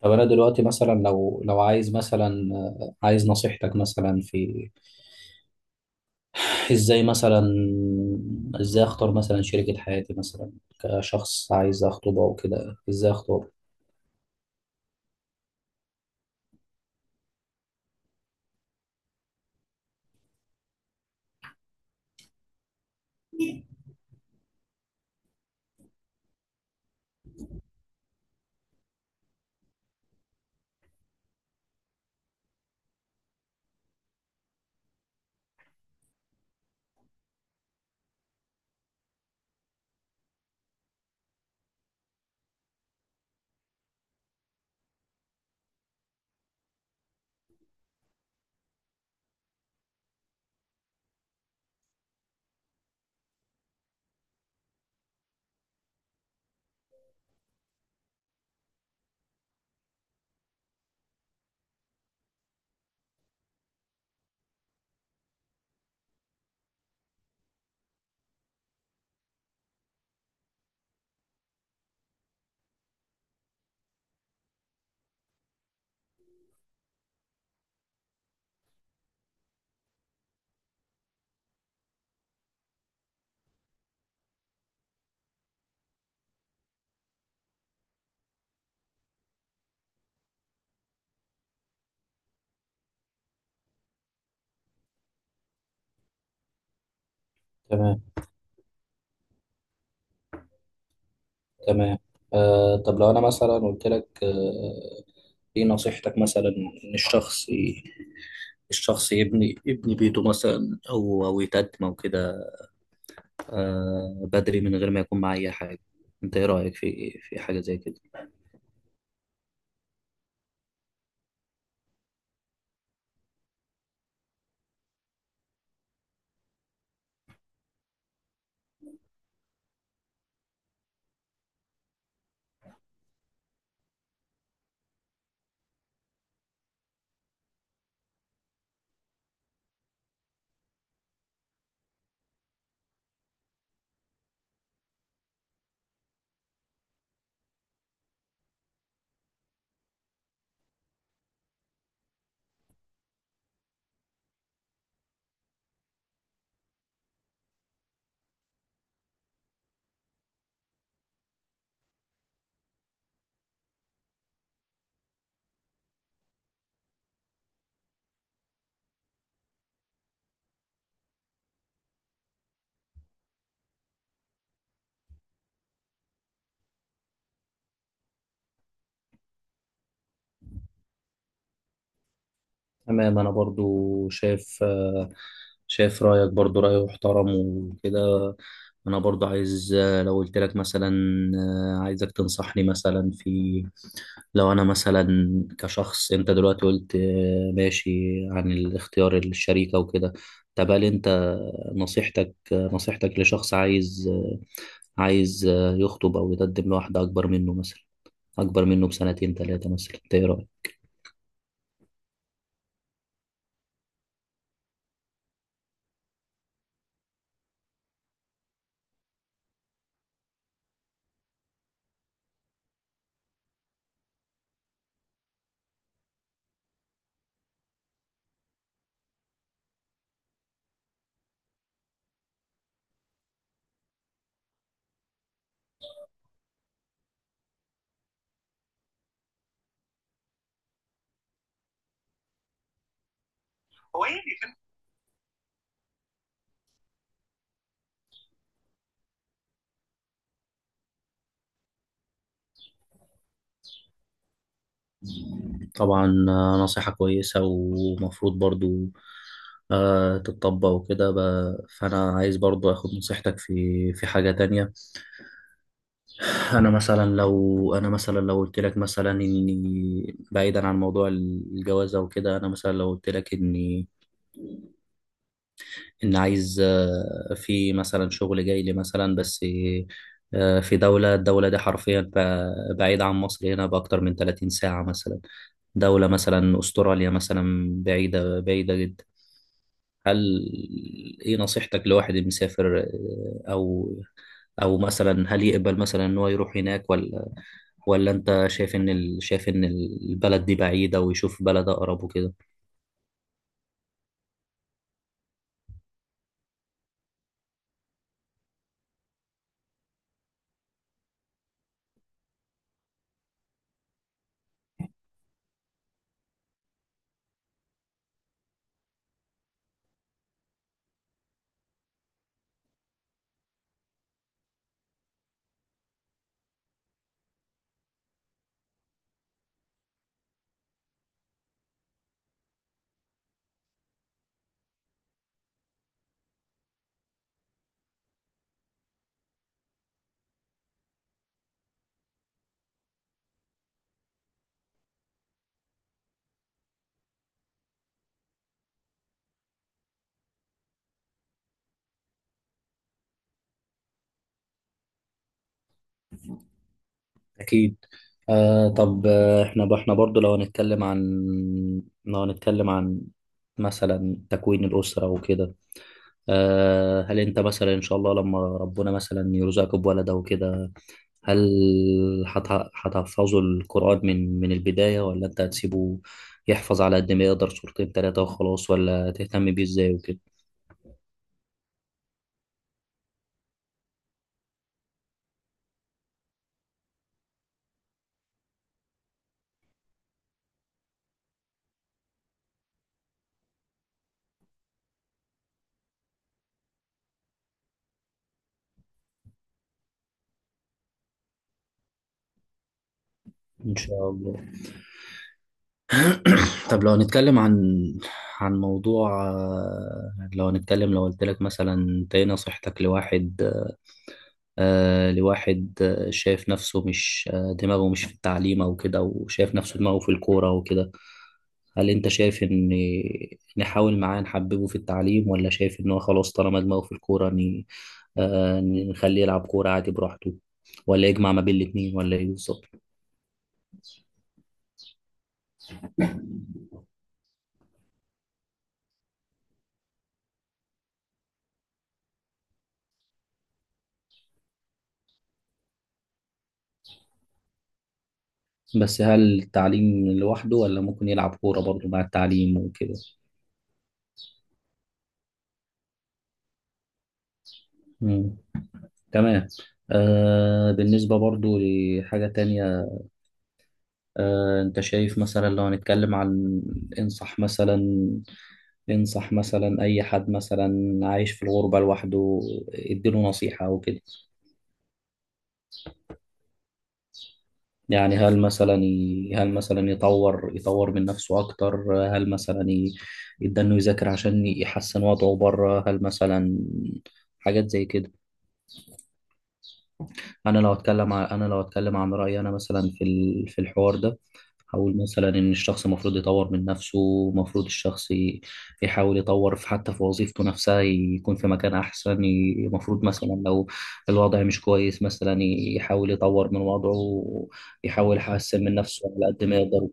طب انا دلوقتي مثلا لو عايز مثلا عايز نصيحتك مثلا في ازاي مثلا ازاي اختار مثلا شريكة حياتي مثلا كشخص عايز اخطبه او كده ازاي اختار. تمام. تمام. آه، طب لو انا مثلا قلت لك ايه نصيحتك مثلا ان الشخص يبني بيته مثلا او يتقدم او كده، آه بدري من غير ما يكون معاه اي حاجة. انت ايه رأيك في حاجة زي كده؟ تمام، انا برضو شايف، شايف رايك برضو راي محترم وكده. انا برضو عايز، لو قلت لك مثلا عايزك تنصحني مثلا في، لو انا مثلا كشخص، انت دلوقتي قلت ماشي، عن الاختيار الشريكة وكده. طب هل انت نصيحتك، نصيحتك لشخص عايز، عايز يخطب او يقدم لواحدة اكبر منه مثلا، اكبر منه بسنتين ثلاثة مثلا، إنت ايه رايك؟ طبعا نصيحة كويسة ومفروض برضو تتطبق وكده، فأنا عايز برضو أخد نصيحتك في حاجة تانية. أنا مثلا لو قلت لك مثلا إني بعيدا عن موضوع الجوازة وكده، أنا مثلا لو قلت لك إني ان عايز في مثلا شغل جاي لي مثلا، بس في دولة، الدولة دي حرفيا بعيدة عن مصر هنا بأكتر من 30 ساعة مثلا، دولة مثلا أستراليا مثلا، بعيدة بعيدة جدا. هل ايه نصيحتك لواحد مسافر، او مثلا هل يقبل مثلا ان هو يروح هناك، ولا ولا انت شايف ان شايف ان البلد دي بعيدة ويشوف بلد اقرب وكده؟ أكيد. آه، طب احنا برضو لو هنتكلم عن، لو هنتكلم عن مثلا تكوين الأسرة وكده، آه هل أنت مثلا إن شاء الله لما ربنا مثلا يرزقك بولد أو كده، هل هتحفظه القرآن من البداية، ولا أنت هتسيبه يحفظ على قد ما يقدر سورتين تلاتة وخلاص، ولا تهتم بيه إزاي وكده؟ إن شاء الله. طب لو هنتكلم عن، عن موضوع، لو هنتكلم، لو قلت لك مثلا، انت ايه نصيحتك لواحد، لواحد شايف نفسه مش، دماغه مش في التعليم او كده وشايف نفسه دماغه في الكورة وكده، هل انت شايف ان نحاول معاه نحببه في التعليم، ولا شايف ان هو خلاص طالما دماغه في الكورة، نخليه يلعب كورة عادي براحته، ولا يجمع ما بين الاتنين، ولا ايه بالظبط؟ بس هل التعليم لوحده، ولا ممكن يلعب كورة برضه مع التعليم وكده؟ مم. تمام. آه، بالنسبة برضه لحاجة تانية، آه انت شايف مثلا لو هنتكلم عن، انصح مثلا، انصح مثلا اي حد مثلا عايش في الغربة لوحده، اديله نصيحة او كده، يعني هل مثلا هل مثلا يطور من نفسه اكتر، هل مثلا يبدأ انه يذاكر عشان يحسن وضعه بره، هل مثلا حاجات زي كده. انا لو اتكلم عن رايي انا مثلا في في الحوار ده، هقول مثلا ان الشخص المفروض يطور من نفسه، المفروض يحاول يطور في، حتى في وظيفته نفسها يكون في مكان احسن، المفروض مثلا لو الوضع مش كويس مثلا يحاول يطور من وضعه، يحاول يحسن من نفسه على قد ما يقدر.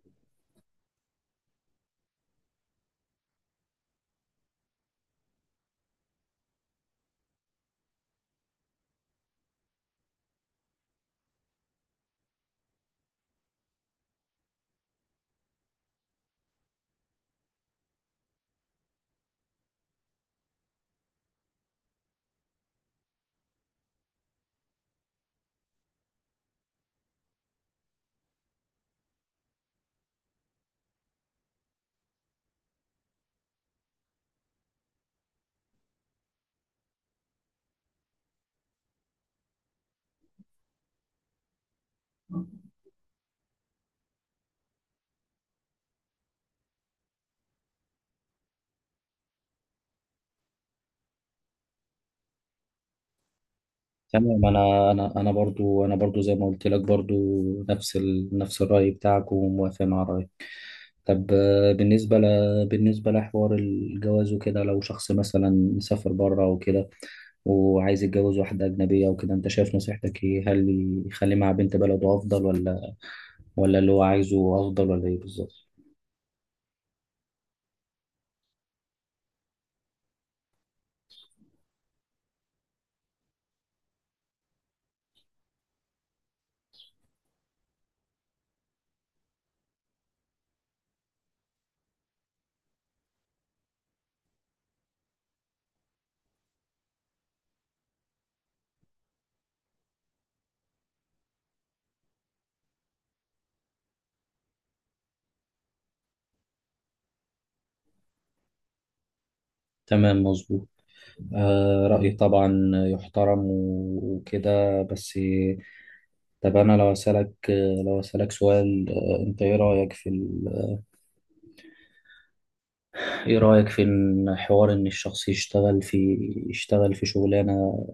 تمام، انا برضو زي ما قلت لك، برضو نفس نفس الراي بتاعك، وموافق مع رايك. طب بالنسبة بالنسبة لحوار الجواز وكده، لو شخص مثلا سافر بره وكده وعايز يتجوز واحدة أجنبية وكده، أنت شايف نصيحتك إيه؟ هل يخلي مع بنت بلده أفضل، ولا ولا اللي هو عايزه أفضل، ولا إيه بالظبط؟ تمام مظبوط. آه، رأيي طبعا يحترم وكده، بس طب أنا لو أسألك، لو أسألك سؤال، أنت إيه رأيك في إيه رأيك في إن حوار إن الشخص يشتغل في، يشتغل في شغلانة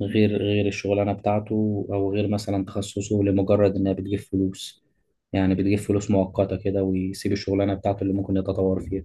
غير الشغلانة بتاعته، أو غير مثلا تخصصه، لمجرد إنها بتجيب فلوس، يعني بتجيب فلوس مؤقتة كده، ويسيب الشغلانة بتاعته اللي ممكن يتطور فيها؟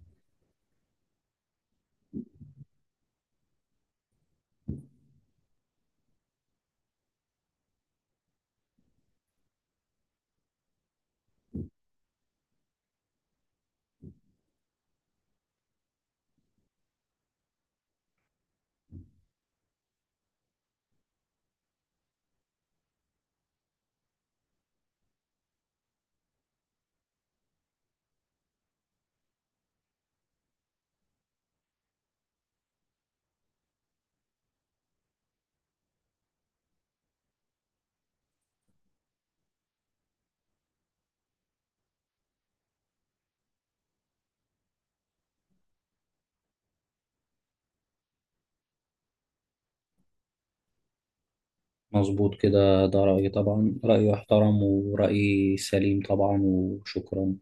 مظبوط كده، ده رأيي طبعا، رأيي يحترم ورأيي سليم طبعا، وشكرا.